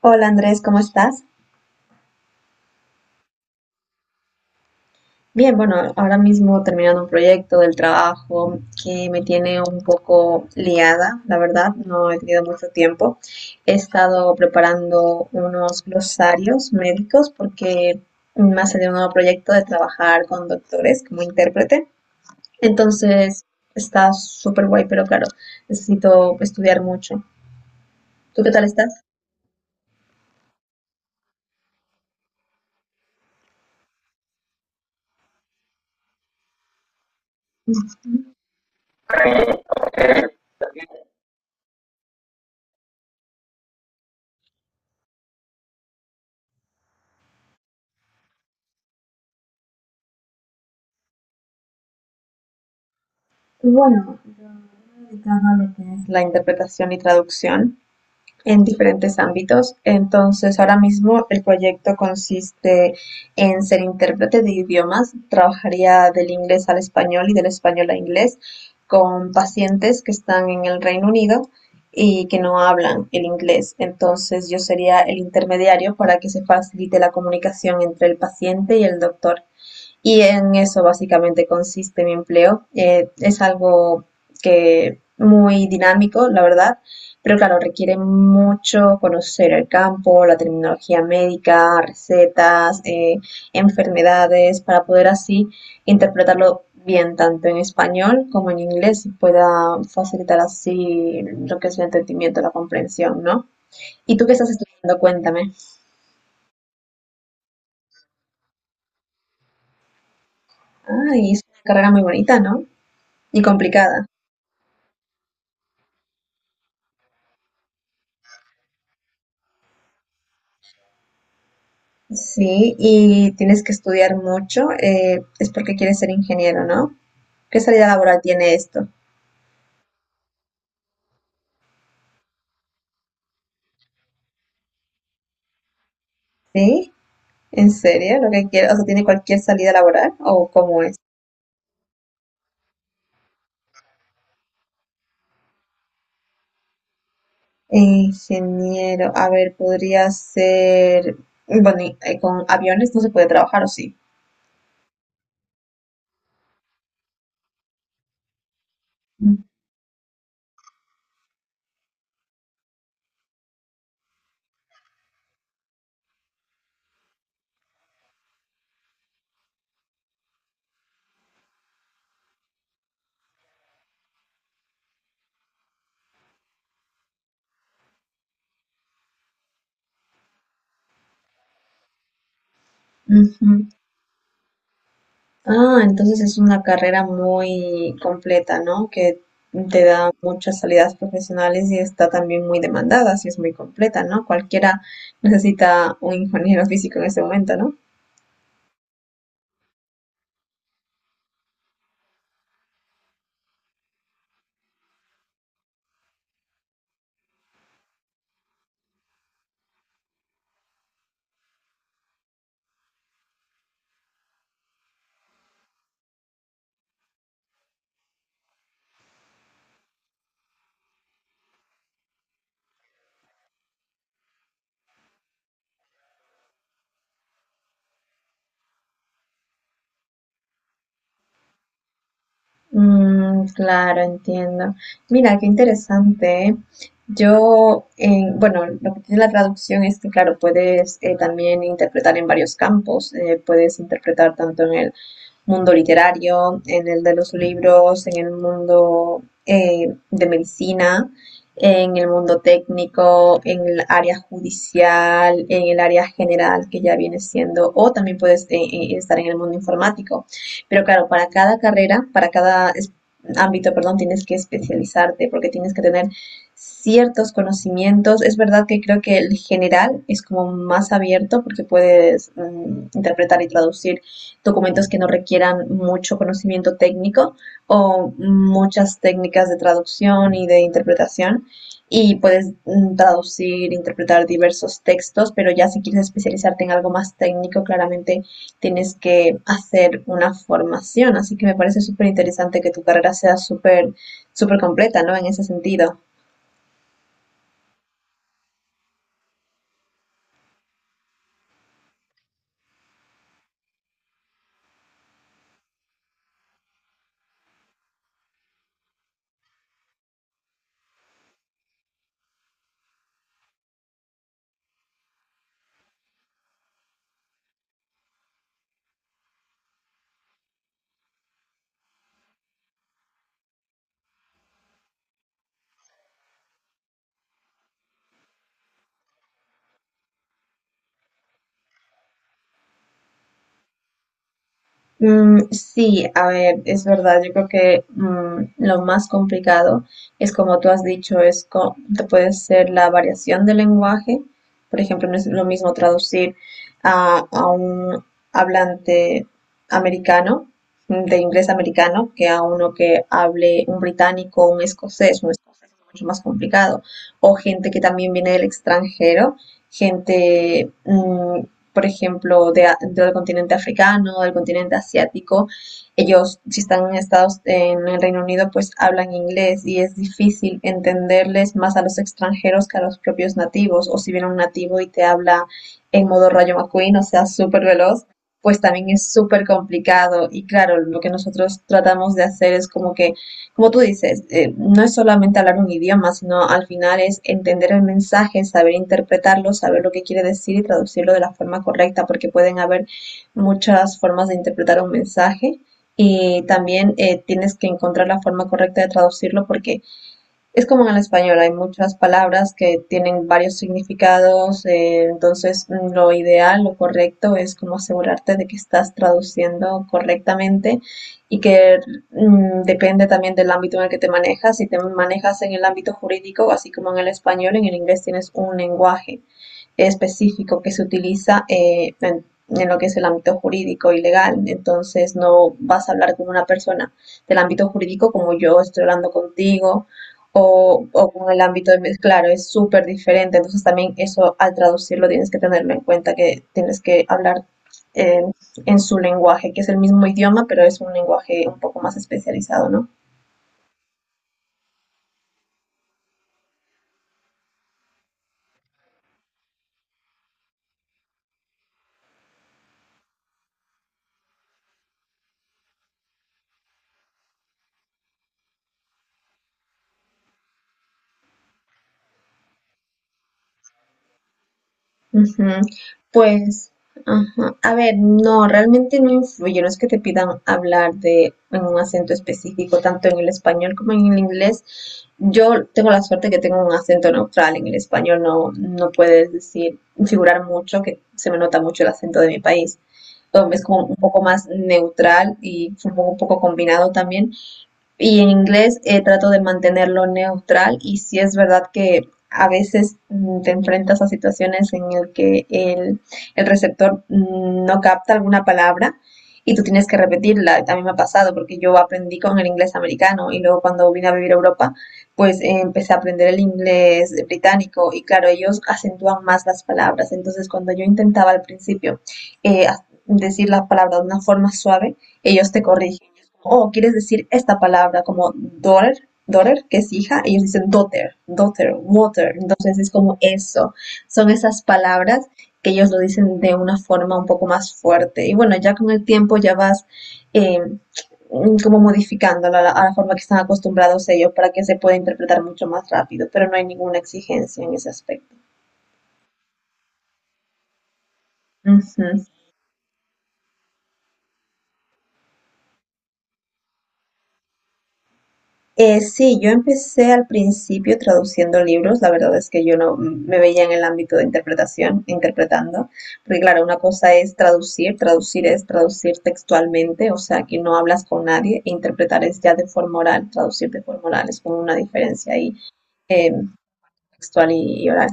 Hola Andrés, ¿cómo estás? Bien, bueno, ahora mismo terminando un proyecto del trabajo que me tiene un poco liada, la verdad, no he tenido mucho tiempo. He estado preparando unos glosarios médicos porque me ha salido un nuevo proyecto de trabajar con doctores como intérprete. Entonces, está súper guay, pero claro, necesito estudiar mucho. ¿Tú qué tal estás? Ujú. Bueno, yo me he dedicado a lo que es la interpretación y traducción en diferentes ámbitos. Entonces, ahora mismo el proyecto consiste en ser intérprete de idiomas. Trabajaría del inglés al español y del español a inglés con pacientes que están en el Reino Unido y que no hablan el inglés. Entonces, yo sería el intermediario para que se facilite la comunicación entre el paciente y el doctor. Y en eso básicamente consiste mi empleo. Es algo que muy dinámico, la verdad, pero claro, requiere mucho conocer el campo, la terminología médica, recetas, enfermedades, para poder así interpretarlo bien tanto en español como en inglés y pueda facilitar así lo que es el entendimiento, la comprensión, ¿no? ¿Y tú qué estás estudiando? Cuéntame. Ay, es una carrera muy bonita, ¿no? Y complicada. Sí, y tienes que estudiar mucho, es porque quieres ser ingeniero, ¿no? ¿Qué salida laboral tiene esto? ¿Sí? ¿En serio? ¿Lo que quieres? O sea, ¿tiene cualquier salida laboral o cómo es? Ingeniero, a ver, podría ser, bueno, y, con aviones no se puede trabajar, ¿o sí? Mm, ujú. Ah, entonces es una carrera muy completa, ¿no? Que te da muchas salidas profesionales y está también muy demandada, si es muy completa, ¿no? Cualquiera necesita un ingeniero físico en este momento, ¿no? Mm, claro, entiendo. Mira, qué interesante, ¿eh? Yo, bueno, lo que tiene la traducción es que, claro, puedes también interpretar en varios campos. Puedes interpretar tanto en el mundo literario, en el de los libros, en el mundo de medicina, en el mundo técnico, en el área judicial, en el área general que ya viene siendo, o también puedes estar en el mundo informático. Pero claro, para cada carrera, para cada ámbito, perdón, tienes que especializarte porque tienes que tener ciertos conocimientos. Es verdad que creo que el general es como más abierto porque puedes interpretar y traducir documentos que no requieran mucho conocimiento técnico o muchas técnicas de traducción y de interpretación. Y puedes traducir, interpretar diversos textos, pero ya si quieres especializarte en algo más técnico, claramente tienes que hacer una formación. Así que me parece súper interesante que tu carrera sea súper, súper completa, ¿no? En ese sentido. Sí, a ver, es verdad, yo creo que lo más complicado es como tú has dicho, es te puede ser la variación del lenguaje. Por ejemplo, no es lo mismo traducir a un hablante americano, de inglés americano, que a uno que hable un británico, un escocés es mucho más complicado. O gente que también viene del extranjero, gente por ejemplo, del continente africano, del continente asiático. Ellos, si están en Estados, en el Reino Unido, pues hablan inglés y es difícil entenderles más a los extranjeros que a los propios nativos. O si viene un nativo y te habla en modo rayo McQueen, o sea, súper veloz, pues también es súper complicado. Y claro, lo que nosotros tratamos de hacer es como que como tú dices, no es solamente hablar un idioma, sino al final es entender el mensaje, saber interpretarlo, saber lo que quiere decir y traducirlo de la forma correcta, porque pueden haber muchas formas de interpretar un mensaje y también tienes que encontrar la forma correcta de traducirlo porque es como en el español, hay muchas palabras que tienen varios significados, entonces lo ideal, lo correcto es como asegurarte de que estás traduciendo correctamente y que depende también del ámbito en el que te manejas. Si te manejas en el ámbito jurídico, así como en el español, en el inglés tienes un lenguaje específico que se utiliza en lo que es el ámbito jurídico y legal. Entonces no vas a hablar con una persona del ámbito jurídico como yo estoy hablando contigo o con el ámbito de... Claro, es súper diferente. Entonces también eso al traducirlo tienes que tenerlo en cuenta, que tienes que hablar eh, en su lenguaje, que es el mismo idioma, pero es un lenguaje un poco más especializado, ¿no? Ujú. Pues, ajá. A ver, no, realmente no influye, no es que te pidan hablar de en un acento específico, tanto en el español como en el inglés. Yo tengo la suerte que tengo un acento neutral en el español, no, no puedes decir, figurar mucho, que se me nota mucho el acento de mi país. Es como un poco más neutral y supongo un poco combinado también. Y en inglés trato de mantenerlo neutral y si es verdad que a veces te enfrentas a situaciones en el que el receptor no capta alguna palabra y tú tienes que repetirla. A mí me ha pasado porque yo aprendí con el inglés americano y luego cuando vine a vivir a Europa, pues empecé a aprender el inglés británico y claro, ellos acentúan más las palabras. Entonces, cuando yo intentaba al principio eh, decir la palabra de una forma suave, ellos te corrigen. Oh, quieres decir esta palabra como daughter, daughter, que es hija, ellos dicen daughter, daughter, water. Entonces es como eso. Son esas palabras que ellos lo dicen de una forma un poco más fuerte. Y bueno, ya con el tiempo ya vas eh, como modificándolo a a la forma que están acostumbrados ellos para que se pueda interpretar mucho más rápido, pero no hay ninguna exigencia en ese aspecto. Ujú. Sí, yo empecé al principio traduciendo libros, la verdad es que yo no me veía en el ámbito de interpretación, interpretando, porque claro, una cosa es traducir, traducir es traducir textualmente, o sea, que no hablas con nadie, e interpretar es ya de forma oral, traducir de forma oral es como una diferencia ahí, eh, textual y, oral.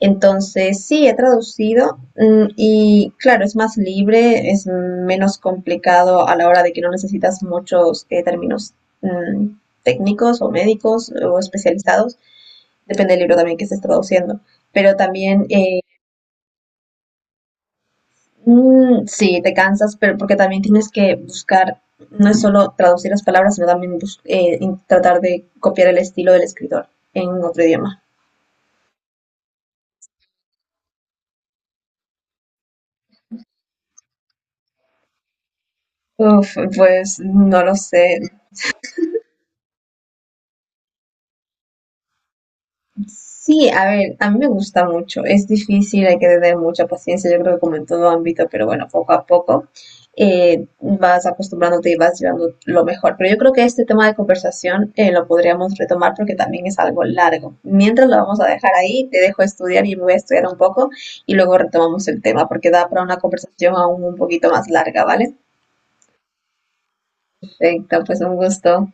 Entonces, sí, he traducido y claro, es más libre, es menos complicado a la hora de que no necesitas muchos términos mm, técnicos o médicos o especializados, depende del libro también que estés traduciendo. Pero también, sí, te cansas, pero porque también tienes que buscar, no es solo traducir las palabras, sino también tratar de copiar el estilo del escritor en otro idioma. Uf, pues no lo sé. Sí, a ver, a mí me gusta mucho. Es difícil, hay que tener mucha paciencia, yo creo que como en todo ámbito, pero bueno, poco a poco vas acostumbrándote y vas llevando lo mejor. Pero yo creo que este tema de conversación lo podríamos retomar porque también es algo largo. Mientras lo vamos a dejar ahí, te dejo estudiar y me voy a estudiar un poco y luego retomamos el tema porque da para una conversación aún un poquito más larga, ¿vale? Perfecto, pues un gusto.